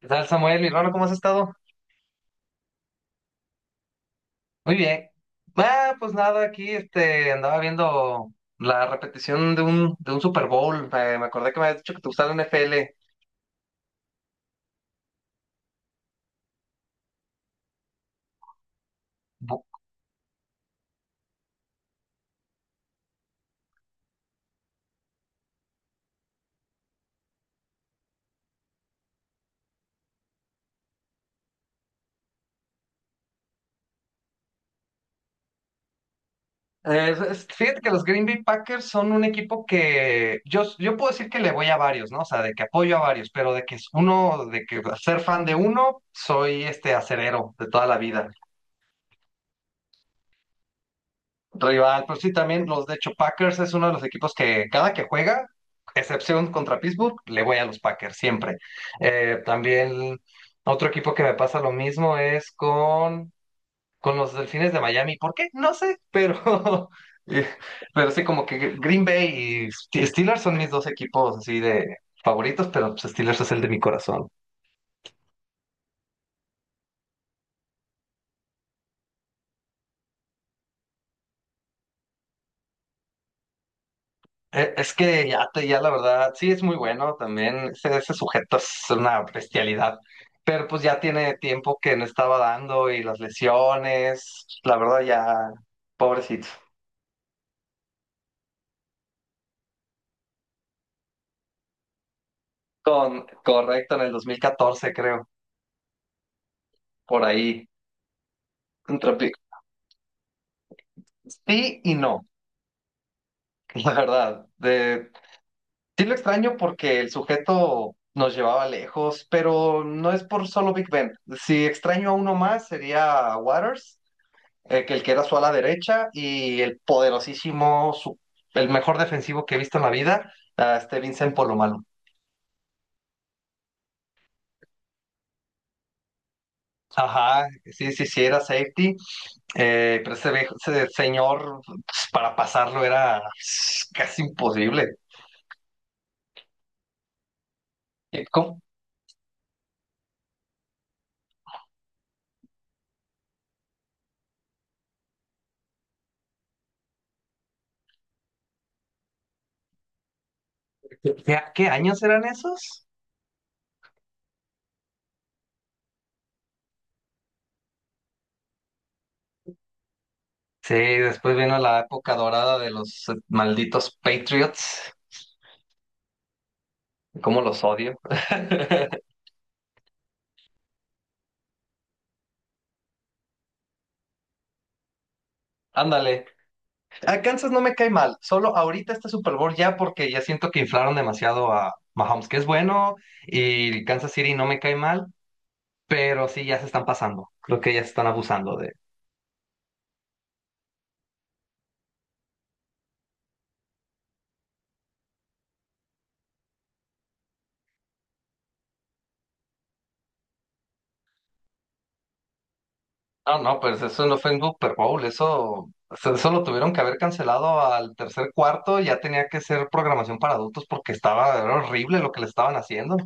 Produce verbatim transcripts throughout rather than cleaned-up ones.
¿Qué tal, Samuel? Mi hermano, ¿cómo has estado? Muy bien. Ah, pues nada, aquí este, Andaba viendo la repetición de un, de un Super Bowl. Me, me acordé que me habías dicho que te gustaba la N F L. Bu- eh, es- Fíjate que los Green Bay Packers son un equipo que yo, yo puedo decir que le voy a varios, ¿no? O sea, de que apoyo a varios, pero de que es uno, de que ser fan de uno, soy este acerero de toda la vida. Rival, pues sí, también los, de hecho, Packers es uno de los equipos que cada que juega, excepción contra Pittsburgh, le voy a los Packers siempre. Eh, también otro equipo que me pasa lo mismo es con, con los Delfines de Miami. ¿Por qué? No sé, pero, eh, pero sí, como que Green Bay y Steelers son mis dos equipos así de favoritos, pero pues, Steelers es el de mi corazón. Eh, Es que ya, te- ya la verdad, sí es muy bueno también, ese, ese sujeto es una bestialidad, pero pues ya tiene tiempo que no estaba dando y las lesiones, la verdad ya, pobrecito. Con, correcto, en el dos mil catorce creo, por ahí. Contra Pi- Sí y no, la verdad. De, sí lo extraño porque el sujeto nos llevaba lejos, pero no es por solo Big Ben. Si extraño a uno más sería a Waters, eh, que el que era su ala derecha y el poderosísimo, su- el mejor defensivo que he visto en la vida, ah, este Vincent Polomalo. Ajá, sí, sí, sí, era safety, eh, pero ese, viejo- ese señor pues, para pasarlo era pues, casi imposible. Eh, ¿Cómo? ¿Qué, qué- qué años eran esos? Sí, después vino la época dorada de los eh, malditos Patriots. ¿Cómo los odio? Ándale. A Kansas no me cae mal, solo ahorita este Super Bowl ya porque ya siento que inflaron demasiado a Mahomes, que es bueno, y Kansas City no me cae mal, pero sí ya se están pasando. Creo que ya se están abusando de. No, no, pues eso no fue un Super Bowl, eso, eso lo tuvieron que haber cancelado al tercer cuarto, ya tenía que ser programación para adultos porque estaba, era horrible lo que le estaban haciendo.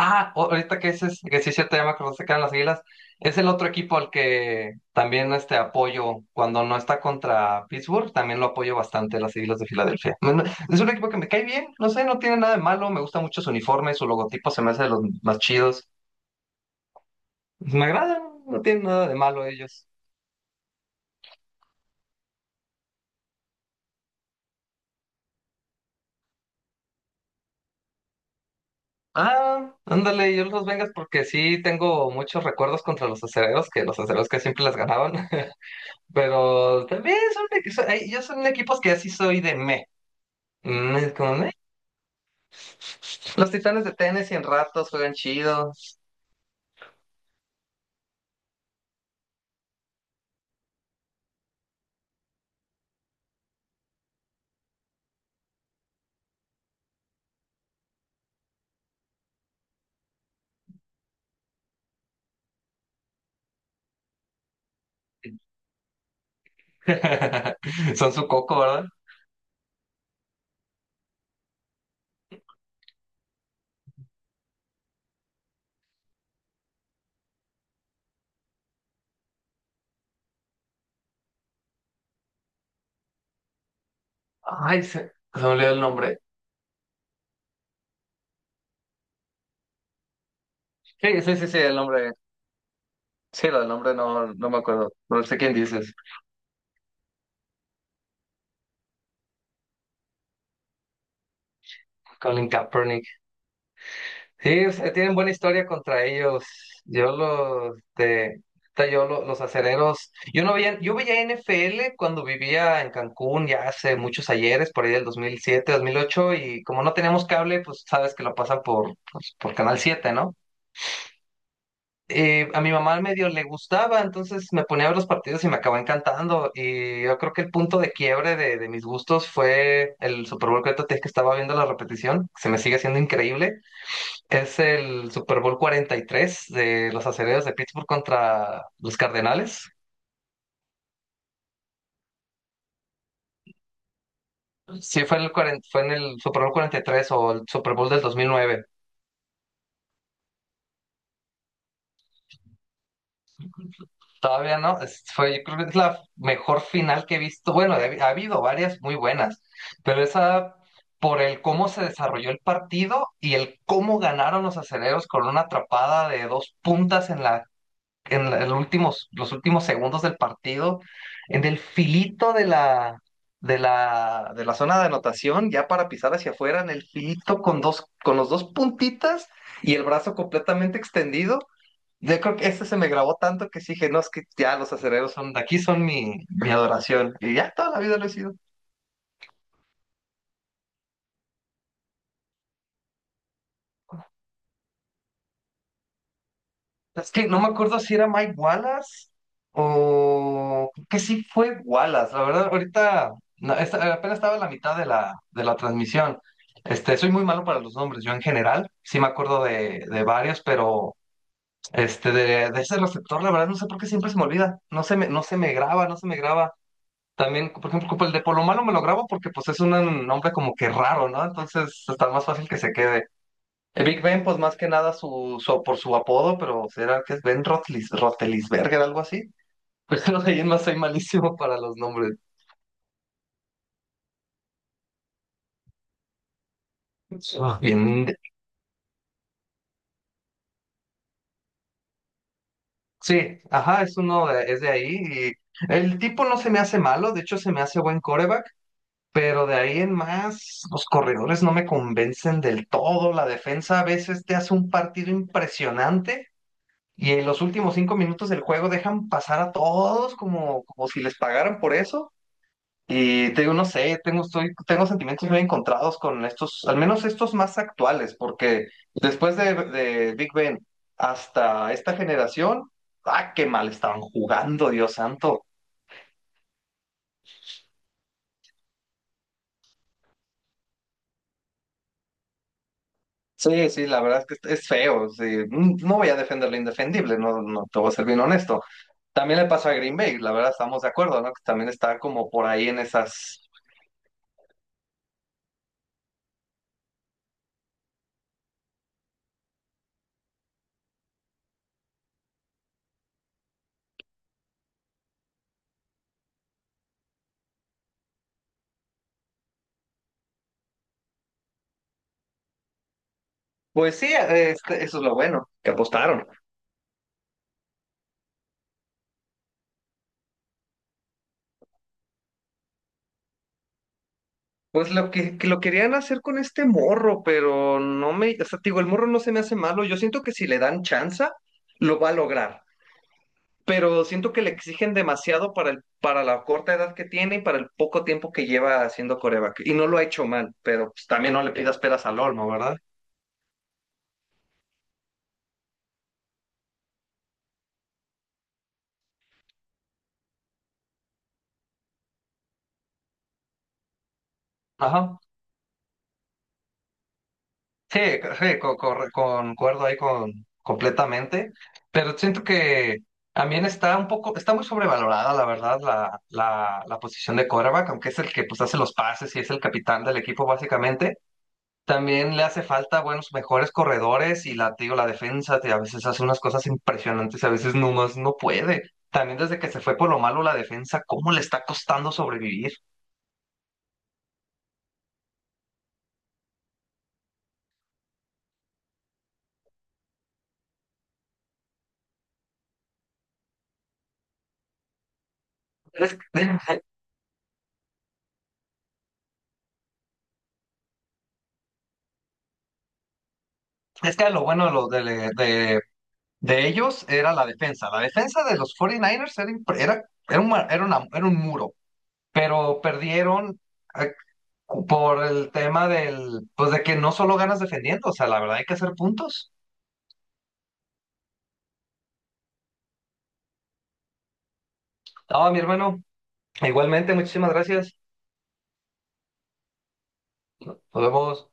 Ah, o- ahorita que ese es, que sí se te llama cuando se quedan las Águilas, es el otro equipo al que también este apoyo cuando no está contra Pittsburgh, también lo apoyo bastante, las Águilas de Filadelfia. Me- no- Es un equipo que me cae bien, no sé, no tiene nada de malo, me gusta mucho su uniforme, su logotipo se me hace de los más chidos. Me agradan, no tienen nada de malo ellos. Ah, ándale, yo los Vengas porque sí tengo muchos recuerdos contra los acereros, que los acereros que siempre las ganaban, pero también son, equi- son- ay, ellos son equipos que así soy de meh. Mm, es como, "Meh". Los Titanes de Tennessee en ratos juegan chido. Son su coco, ¿verdad? Ay, se, se me olvidó el nombre. Sí, sí, sí, sí, el nombre. Sí, el nombre no, no me acuerdo. No sé quién dices. Colin Kaepernick. Sí, o sea, tienen buena historia contra ellos. Yo los, de, yo lo- Los acereros. Yo no veía, Yo veía N F L cuando vivía en Cancún ya hace muchos ayeres, por ahí del dos dos mil siete, dos mil ocho, y como no teníamos cable, pues sabes que lo pasan por, pues, por Canal siete, ¿no? Eh, a mi mamá medio le gustaba, entonces me ponía a ver los partidos y me acabó encantando. Y yo creo que el punto de quiebre de, de mis gustos fue el Super Bowl que ahorita te dije que estaba viendo la repetición, que se me sigue haciendo increíble. Es el Super Bowl cuarenta y tres de los Acereros de Pittsburgh contra los Cardenales. Sí, fue en el, cuaren- fue en el Super Bowl cuarenta y tres o el Super Bowl del dos mil nueve. Todavía no, es- fue, yo creo que es la mejor final que he visto. Bueno, ha ha habido varias muy buenas, pero esa por el cómo se desarrolló el partido y el cómo ganaron los acereros con una atrapada de dos puntas en la, en la- el últimos, los últimos segundos del partido, en el filito de la, de la, de la zona de anotación, ya para pisar hacia afuera, en el filito con dos, con los dos puntitas y el brazo completamente extendido. Yo creo que este se me grabó tanto que sí dije, no, es que ya los acereros son, de aquí son mi, mi adoración. Y ya toda la vida lo he sido. Es que no me acuerdo si era Mike Wallace o creo que sí fue Wallace. La verdad, ahorita no, esta- apenas estaba a la mitad de la, de la transmisión. Este, soy muy malo para los nombres, yo en general. Sí me acuerdo de, de varios, pero este, de, de ese receptor, la verdad, no sé por qué siempre se me olvida. No se me, no se me graba, no se me graba. También, por ejemplo, como el de Polo malo me lo grabo porque pues es un nombre como que raro, ¿no? Entonces está más fácil que se quede. El Big Ben, pues más que nada su, su- por su apodo, pero será que es Ben Rotlis, Rotelisberger, algo así. Pues no sé, yo más soy malísimo para los nombres. Ah, Bien, de- sí, ajá, es uno de, es de ahí y el tipo no se me hace malo, de hecho se me hace buen coreback, pero de ahí en más los corredores no me convencen del todo, la defensa a veces te hace un partido impresionante. Y en los últimos cinco minutos del juego dejan pasar a todos como, como si les pagaran por eso. Y te digo, no sé, tengo, estoy, tengo sentimientos muy encontrados con estos, al menos estos más actuales, porque después de, de Big Ben hasta esta generación, ah, qué mal estaban jugando, Dios santo. Sí, sí, la verdad es que es feo. Sí. Mm, no voy a defender lo indefendible, no, no te voy a ser bien honesto. También le pasó a Green Bay, la verdad estamos de acuerdo, ¿no? Que también está como por ahí en esas. Pues sí, eh, este- eso es lo bueno, que apostaron. Pues lo que, que lo querían hacer con este morro, pero no me, o sea, te digo, el morro no se me hace malo. Yo siento que si le dan chance, lo va a lograr. Pero siento que le exigen demasiado para el, para la corta edad que tiene y para el poco tiempo que lleva haciendo coreback. Y no lo ha hecho mal, pero pues, también no le pidas peras al olmo, ¿verdad? Ajá. Sí, sí, co- corre- concuerdo ahí con completamente, pero siento que también está un poco, está muy sobrevalorada, la verdad, la, la, la posición de quarterback, aunque es el que pues hace los pases y es el capitán del equipo básicamente. También le hace falta buenos, mejores corredores y la, te digo, la defensa, te- a veces hace unas cosas impresionantes y a veces nomás no puede. También desde que se fue por lo malo la defensa, ¿cómo le está costando sobrevivir? Es, es que lo bueno de, lo, de, de De ellos era la defensa. La defensa de los cuarenta y nueve Niners era, impre- era, era, un, ma- era, una- era un muro, pero perdieron eh, cu- por el tema del, pues de que no solo ganas defendiendo, o sea, la verdad hay que hacer puntos. Ah, mi hermano, igualmente, muchísimas gracias. Nos vemos.